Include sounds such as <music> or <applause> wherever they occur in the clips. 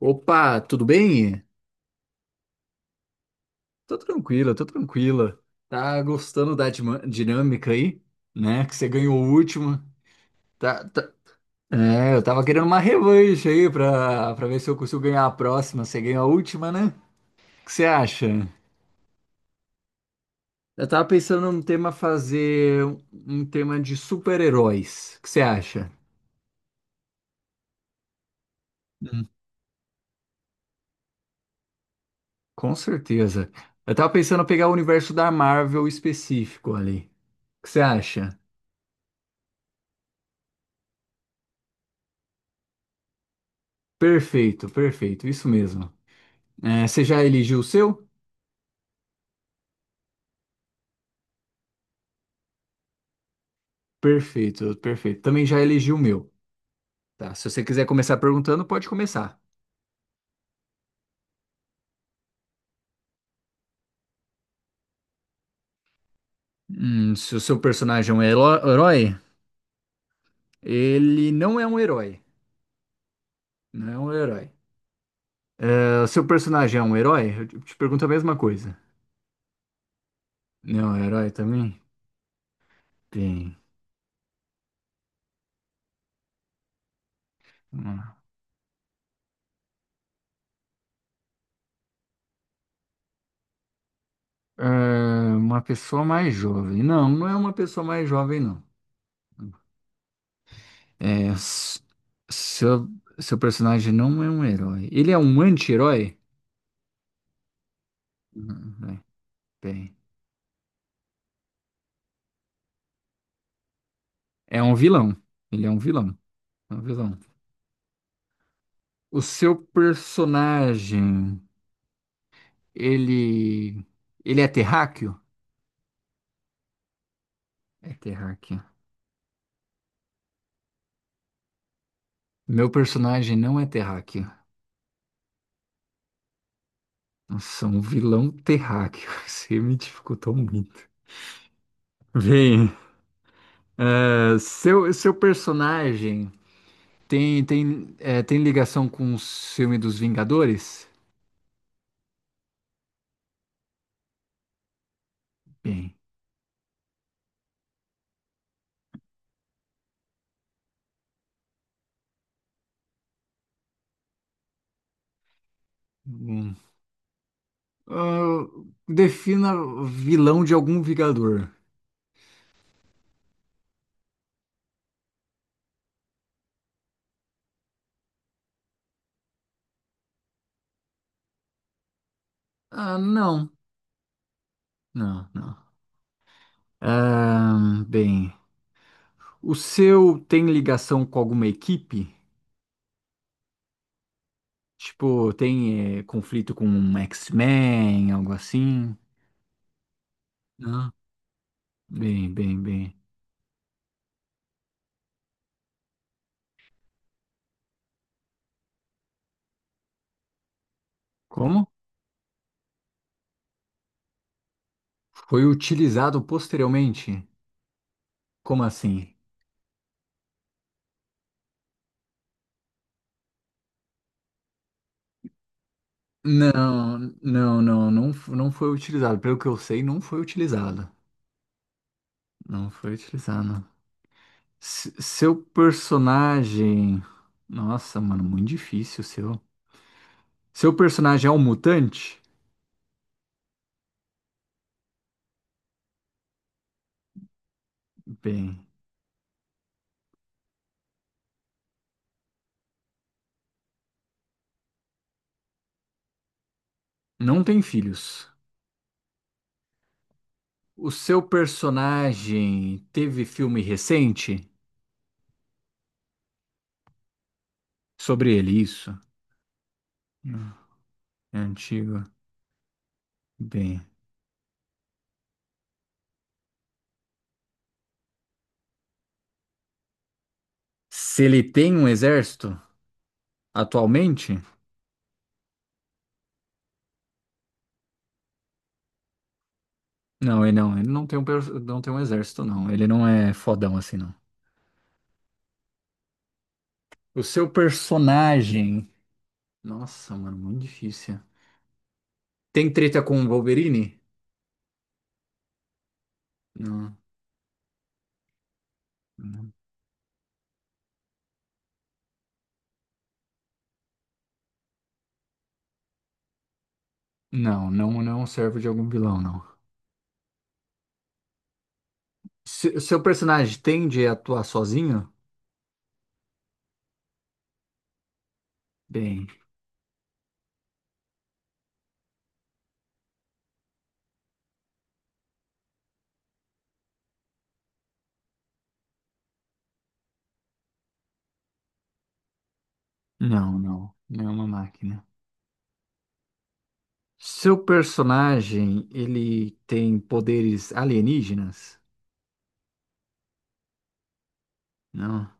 Opa, tudo bem? Tô tranquila, tô tranquila. Tá gostando da dinâmica aí, né? Que você ganhou o último. Tá, tá- É, eu tava querendo uma revanche aí pra ver se eu consigo ganhar a próxima. Você ganhou a última, né? O que você acha? Eu tava pensando num tema fazer um tema de super-heróis. O que você acha? Hum. Com certeza. Eu tava pensando em pegar o universo da Marvel específico ali. O que você acha? Perfeito, perfeito, isso mesmo. É, você já eligiu o seu? Perfeito, perfeito. Também já elegi o meu. Tá, se você quiser começar perguntando, pode começar. Se o seu personagem é um herói, ele não é um herói. Não é um herói. Ah, o seu personagem é um herói? Eu te pergunto a mesma coisa. Não, é um herói também? Tem. Vamos lá. É, uma pessoa mais jovem. Não, não é uma pessoa mais jovem, não. É, s- seu, seu personagem não é um herói. Ele é um anti-herói? Uhum, é. Bem. É um vilão. Ele é um vilão. É um vilão. O seu personagem, ele. Ele é terráqueo? É terráqueo. Meu personagem não é terráqueo. Nossa, um vilão terráqueo. <laughs> Você me dificultou muito. Bem, é, seu personagem tem ligação com o filme dos Vingadores? Bem. Hum. Ah, defina vilão de algum Vingador. Ah, não. Não, não. Bem, o seu tem ligação com alguma equipe? Tipo, tem conflito com um X-Men, algo assim? Não. Bem, bem, bem. Como? Foi utilizado posteriormente? Como assim? Não, não foi utilizado. Pelo que eu sei, não foi utilizado. Não foi utilizado. Se- seu personagem. Nossa, mano, muito difícil o seu. Seu personagem é um mutante? Bem. Não tem filhos. O seu personagem teve filme recente sobre ele, isso? Não. É antigo. Bem. Se ele tem um exército atualmente? Não, ele não. Ele não tem um, não tem um exército, não. Ele não é fodão assim, não. O seu personagem. Nossa, mano, muito difícil. Tem treta com o Wolverine? Não. Não, não serve de algum vilão, não. O seu personagem tende a atuar sozinho? Bem. Não, não. Não é uma máquina. Seu personagem, ele tem poderes alienígenas? Não.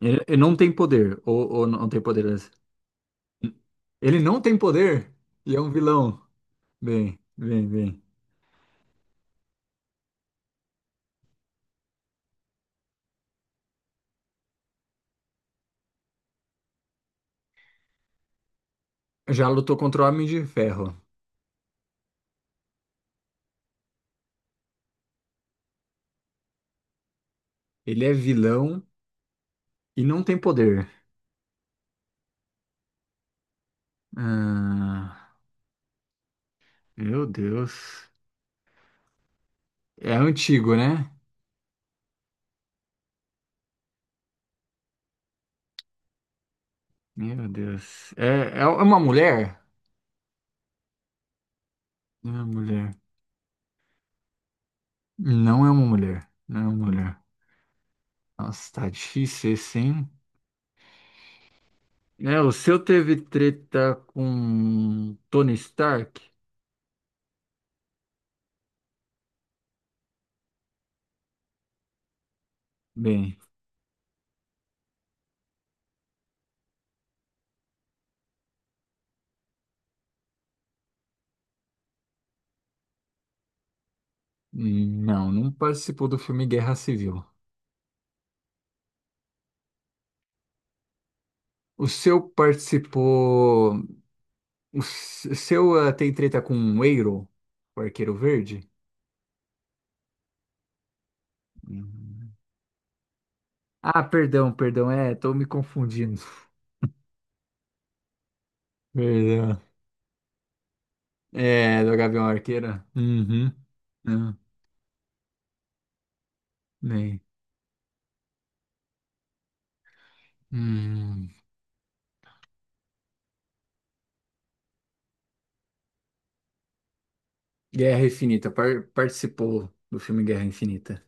Ele não tem poder. Ou não tem poderes. Ele não tem poder e é um vilão. Bem, bem, bem. Já lutou contra o Homem de Ferro. Ele é vilão e não tem poder. Ah, meu Deus. É antigo, né? Meu Deus. É, é uma mulher? Não é uma mulher. Não é uma mulher. Não é uma mulher. Nossa, tá difícil esse, hein? É, o seu teve treta com Tony Stark? Bem, não, não participou do filme Guerra Civil. O seu participou. O seu tem treta com o Eiro, o Arqueiro Verde? Hum. Ah, perdão, perdão, é, tô me confundindo. Perdão. É, do Gavião Arqueira? Uhum. Não, bem. Hum. Guerra Infinita, participou do filme Guerra Infinita.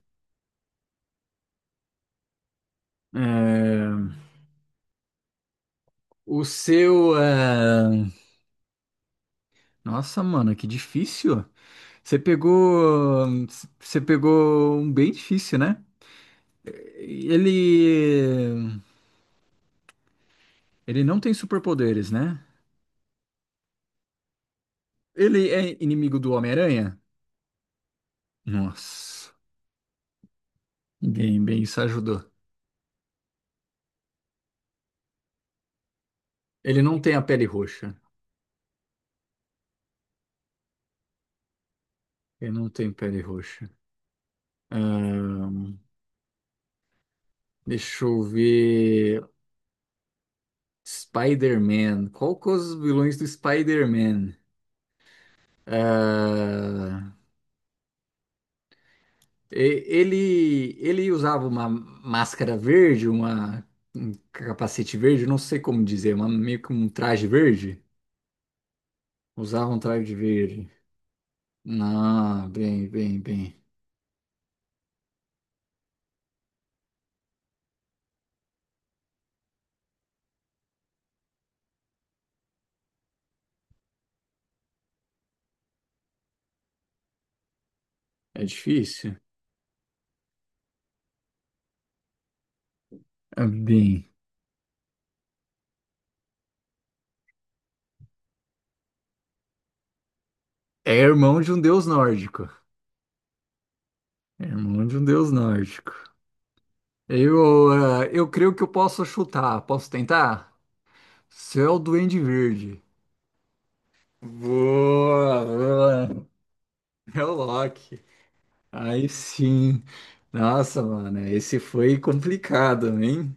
É, o seu. É, nossa, mano, que difícil. Você pegou. Você pegou um bem difícil, né? Ele. Ele não tem superpoderes, né? Ele é inimigo do Homem-Aranha? Nossa, bem, bem, isso ajudou. Ele não tem a pele roxa. Ele não tem pele roxa. Ahn, deixa eu ver. Spider-Man. Qual que é os vilões do Spider-Man? Ah, ele, ele usava uma máscara verde, uma, um capacete verde, não sei como dizer, uma, meio que um traje verde. Usava um traje verde. Não, bem, bem, bem. É difícil? É. Bem, é irmão de um deus nórdico. É irmão de um deus nórdico. Eu, ah, eu creio que eu posso chutar. Posso tentar? Céu Duende Verde. Boa, boa. É o Loki. Aí sim. Nossa, mano, esse foi complicado, hein?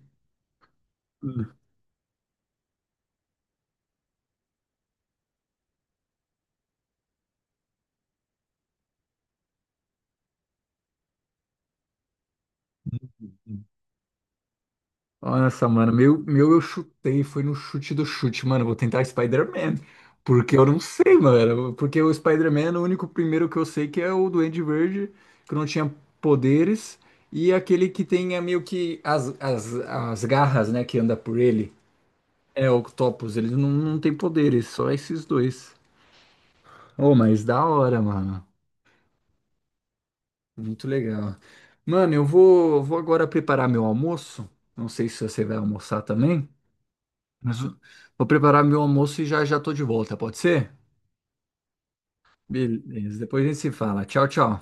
Nossa, mano, meu eu chutei, foi no chute do chute, mano. Vou tentar Spider-Man, porque eu não sei, mano. Porque o Spider-Man, o único primeiro que eu sei que é o Duende Verde, que não tinha poderes, e aquele que tem é, meio que as, as garras, né, que anda por ele. É, Octopus, eles não, não têm poderes, só esses dois. Oh, mas da hora, mano. Muito legal. Mano, eu vou agora preparar meu almoço. Não sei se você vai almoçar também, mas eu vou preparar meu almoço e já já tô de volta, pode ser? Beleza, depois a gente se fala. Tchau, tchau.